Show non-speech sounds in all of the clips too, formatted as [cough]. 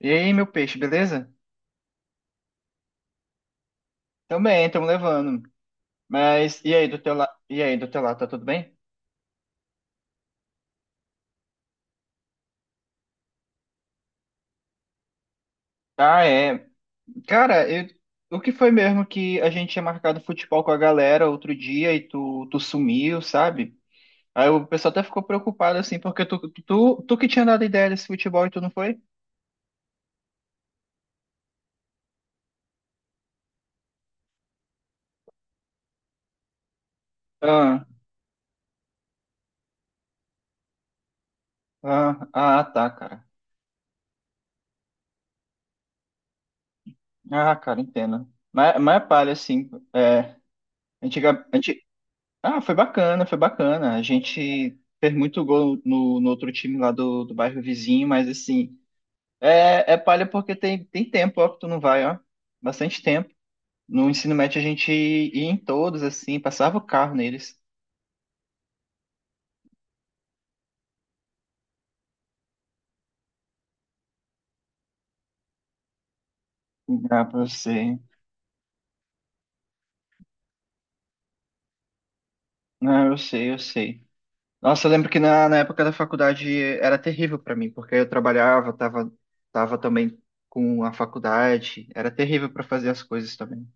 E aí, meu peixe, beleza? Também, estamos levando. E aí do teu lado, tá tudo bem? Ah, é. Cara, o que foi mesmo que a gente tinha marcado futebol com a galera outro dia e tu sumiu, sabe? Aí o pessoal até ficou preocupado assim, porque tu que tinha dado ideia desse futebol e tu não foi? Ah, ah, ah, tá, cara. Ah, cara, entendo. Mas é palha, assim. É, antiga. Ah, foi bacana, foi bacana. A gente fez muito gol no outro time lá do bairro vizinho, mas assim, é palha porque tem tempo, ó, que tu não vai, ó. Bastante tempo. No ensino médio a gente ia em todos, assim, passava o carro neles. Ah, pra você. Ah, eu sei, eu sei. Nossa, eu lembro que na época da faculdade era terrível pra mim, porque eu trabalhava, tava também com a faculdade, era terrível pra fazer as coisas também.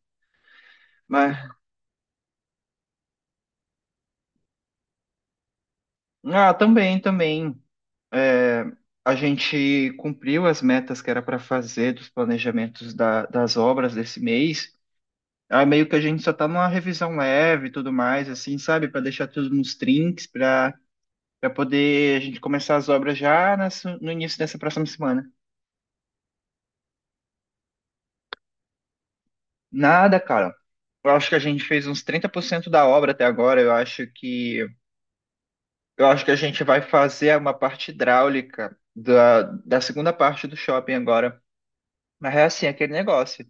Mas também, também. É, a gente cumpriu as metas que era para fazer dos planejamentos da- das obras desse mês. Aí meio que a gente só tá numa revisão leve e tudo mais, assim, sabe? Para deixar tudo nos trinks para poder a gente começar as obras já no início dessa próxima semana. Nada, cara. Eu acho que a gente fez uns 30% da obra até agora. Eu acho que a gente vai fazer uma parte hidráulica da segunda parte do shopping agora. Mas é assim, é aquele negócio.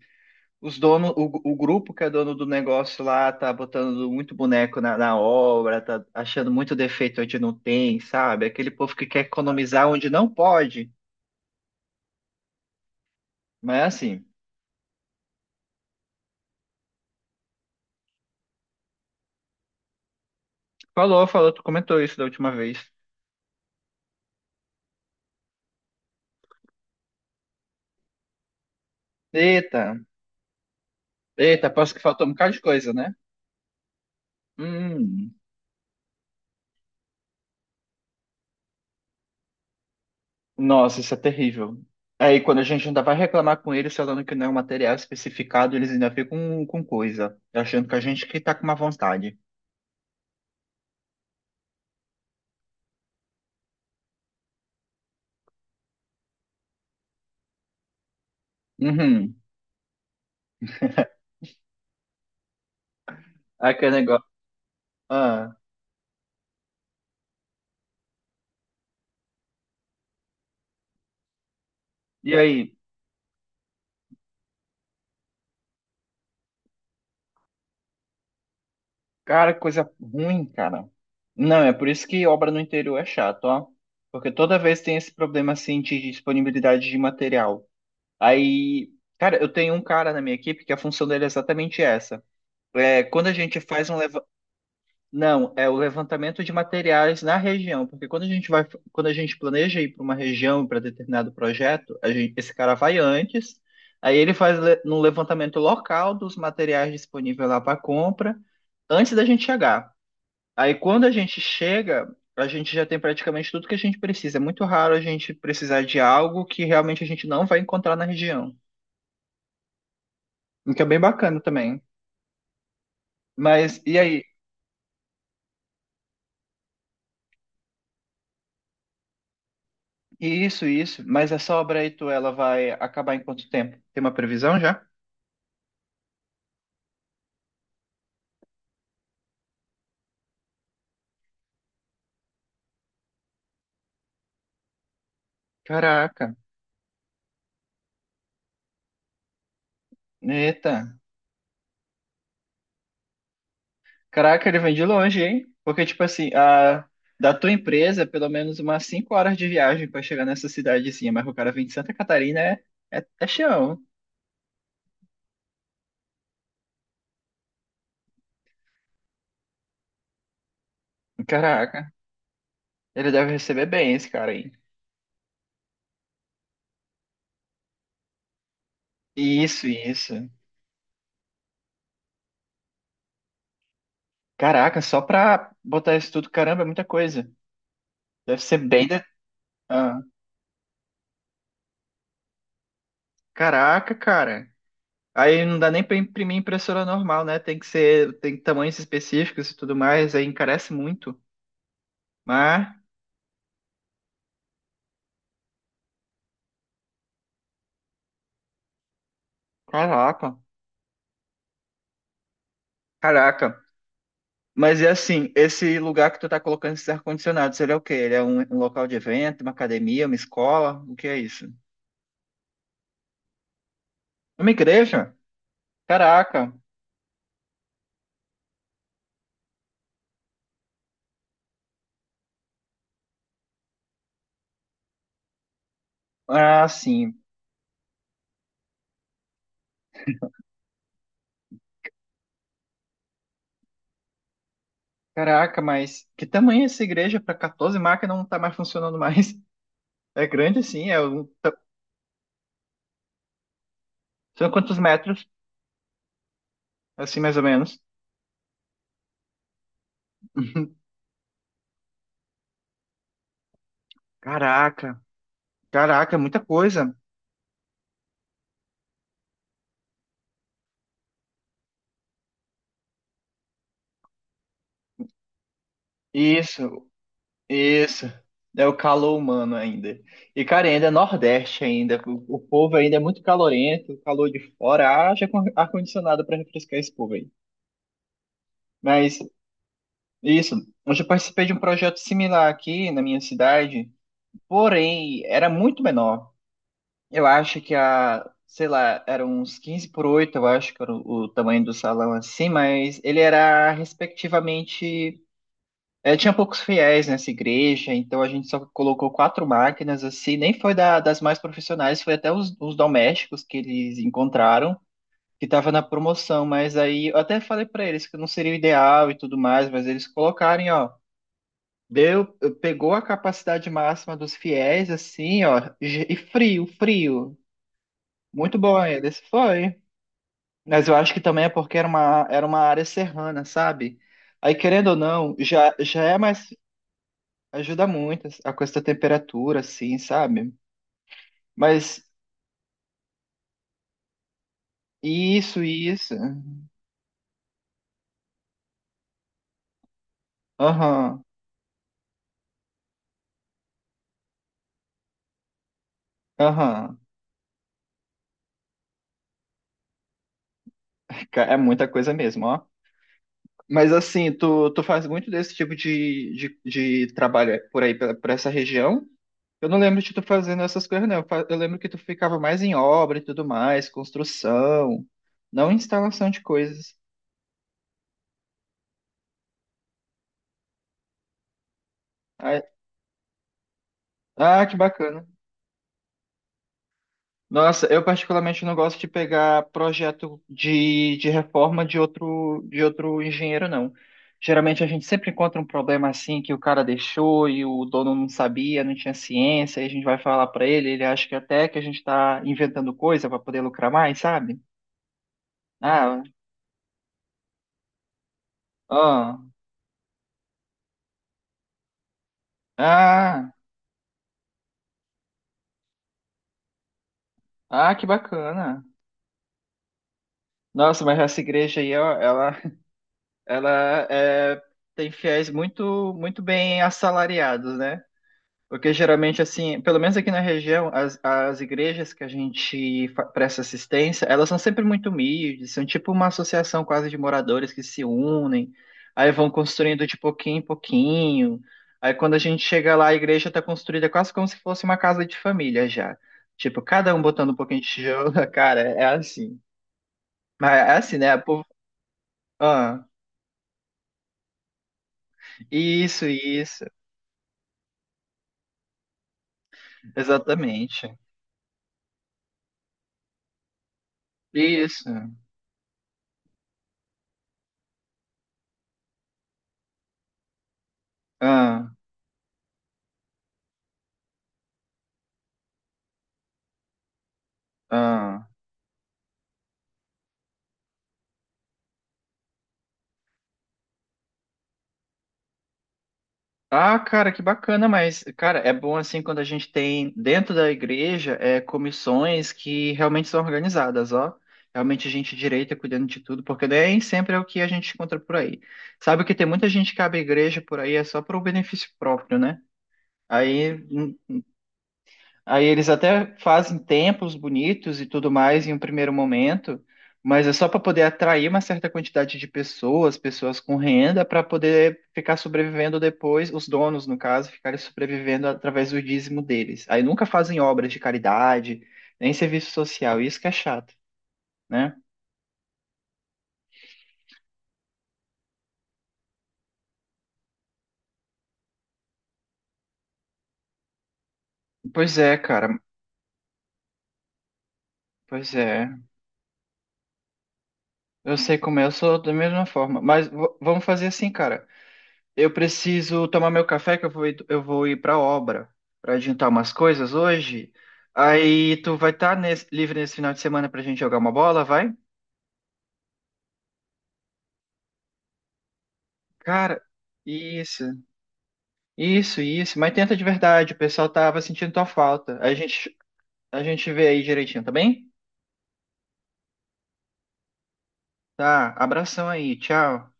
Os donos, o grupo que é dono do negócio lá tá botando muito boneco na obra, tá achando muito defeito onde não tem, sabe? Aquele povo que quer economizar onde não pode. Mas é assim, falou, falou, tu comentou isso da última vez. Eita, eita, parece que faltou um bocado de coisa, né? Hum, nossa, isso é terrível. Aí quando a gente ainda vai reclamar com eles falando que não é um material especificado, eles ainda ficam com coisa, achando que a gente que tá com uma vontade. Uhum. Aquele negócio. Ah, e aí? Cara, que coisa ruim, cara. Não, é por isso que obra no interior é chato, ó. Porque toda vez tem esse problema assim de disponibilidade de material. Aí, cara, eu tenho um cara na minha equipe que a função dele é exatamente essa. É, quando a gente faz um leva... Não, é o levantamento de materiais na região, porque quando a gente planeja ir para uma região para determinado projeto, esse cara vai antes, aí ele faz no levantamento local dos materiais disponíveis lá para compra antes da gente chegar. Aí quando a gente chega, a gente já tem praticamente tudo que a gente precisa. É muito raro a gente precisar de algo que realmente a gente não vai encontrar na região. O que é bem bacana também. Mas e aí? E isso, isso. Mas essa obra aí, tu, ela vai acabar em quanto tempo? Tem uma previsão já? Caraca. Eita. Caraca, ele vem de longe, hein? Porque, tipo assim, a... da tua empresa, pelo menos umas 5 horas de viagem pra chegar nessa cidadezinha. Mas o cara vem de Santa Catarina, é chão. Caraca. Ele deve receber bem esse cara aí. Isso, isso. Caraca, só pra botar isso tudo, caramba, é muita coisa. Deve ser bem. De... Ah, caraca, cara. Aí não dá nem pra imprimir em impressora normal, né? Tem que ser, tem tamanhos específicos e tudo mais, aí encarece muito. Mas, caraca, caraca. Mas é assim, esse lugar que tu tá colocando esses ar-condicionados, ele é o quê? Ele é um, um local de evento, uma academia, uma escola? O que é isso? Uma igreja? Caraca. Ah, sim. Caraca, mas que tamanho é essa igreja para 14 máquinas não tá mais funcionando mais? [laughs] É grande assim, é um... são quantos metros? Assim mais ou menos. [laughs] Caraca, caraca, é muita coisa. Isso, isso. É o calor humano ainda. E, cara, ainda é Nordeste ainda. O povo ainda é muito calorento, o calor de fora. Haja com ar-condicionado para refrescar esse povo aí. Mas, isso. Eu já participei de um projeto similar aqui na minha cidade, porém, era muito menor. Eu acho que a, sei lá, era uns 15 por 8. Eu acho que era o tamanho do salão assim, mas ele era respectivamente. É, tinha poucos fiéis nessa igreja, então a gente só colocou quatro máquinas assim, nem foi da- das mais profissionais, foi até os domésticos que eles encontraram, que estava na promoção, mas aí eu até falei para eles que não seria o ideal e tudo mais, mas eles colocarem, ó. Deu, pegou a capacidade máxima dos fiéis, assim, ó, e frio, frio. Muito bom ele, esse foi. Mas eu acho que também é porque era uma, área serrana, sabe? Aí, querendo ou não, já é mais. Ajuda muito a questão da temperatura, assim, sabe? Mas isso, isso. Aham, aham. Ca- É muita coisa mesmo, ó. Mas assim, tu faz muito desse tipo de trabalho por aí, pela- por essa região? Eu não lembro de tu fazendo essas coisas, não. Eu lembro que tu ficava mais em obra e tudo mais, construção, não instalação de coisas. Ah, ah, que bacana. Nossa, eu particularmente não gosto de pegar projeto de reforma de outro engenheiro, não. Geralmente a gente sempre encontra um problema assim que o cara deixou e o dono não sabia, não tinha ciência, e a gente vai falar pra ele, ele acha que até que a gente tá inventando coisa pra poder lucrar mais, sabe? Ah, ó, ah, ah, que bacana. Nossa, mas essa igreja aí, ó, ela, [laughs] ela é, tem fiéis muito, muito bem assalariados, né? Porque geralmente, assim, pelo menos aqui na região, as igrejas que a gente presta assistência, elas são sempre muito humildes, são tipo uma associação quase de moradores que se unem, aí vão construindo de pouquinho em pouquinho. Aí quando a gente chega lá, a igreja está construída quase como se fosse uma casa de família já. Tipo, cada um botando um pouquinho de tijolo na cara, é assim. Mas é assim, né? Pô, ah, isso, exatamente. Isso, ah, ah. Ah, cara, que bacana, mas, cara, é bom assim quando a gente tem dentro da igreja é, comissões que realmente são organizadas, ó. Realmente gente direita cuidando de tudo, porque nem sempre é o que a gente encontra por aí. Sabe que tem muita gente que abre igreja por aí é só para o benefício próprio, né? Aí Aí eles até fazem templos bonitos e tudo mais em um primeiro momento, mas é só para poder atrair uma certa quantidade de pessoas, pessoas com renda, para poder ficar sobrevivendo depois, os donos, no caso, ficarem sobrevivendo através do dízimo deles. Aí nunca fazem obras de caridade, nem serviço social, isso que é chato, né? Pois é, cara, pois é. Eu sei como é, eu sou da mesma forma, mas vamos fazer assim, cara. Eu preciso tomar meu café que eu vou ir para obra para adiantar umas coisas hoje. Aí tu vai estar livre nesse final de semana pra gente jogar uma bola, vai? Cara, isso, isso, isso. Mas tenta de verdade, o pessoal tava sentindo tua falta. A gente vê aí direitinho, tá bem? Tá, abração aí, tchau.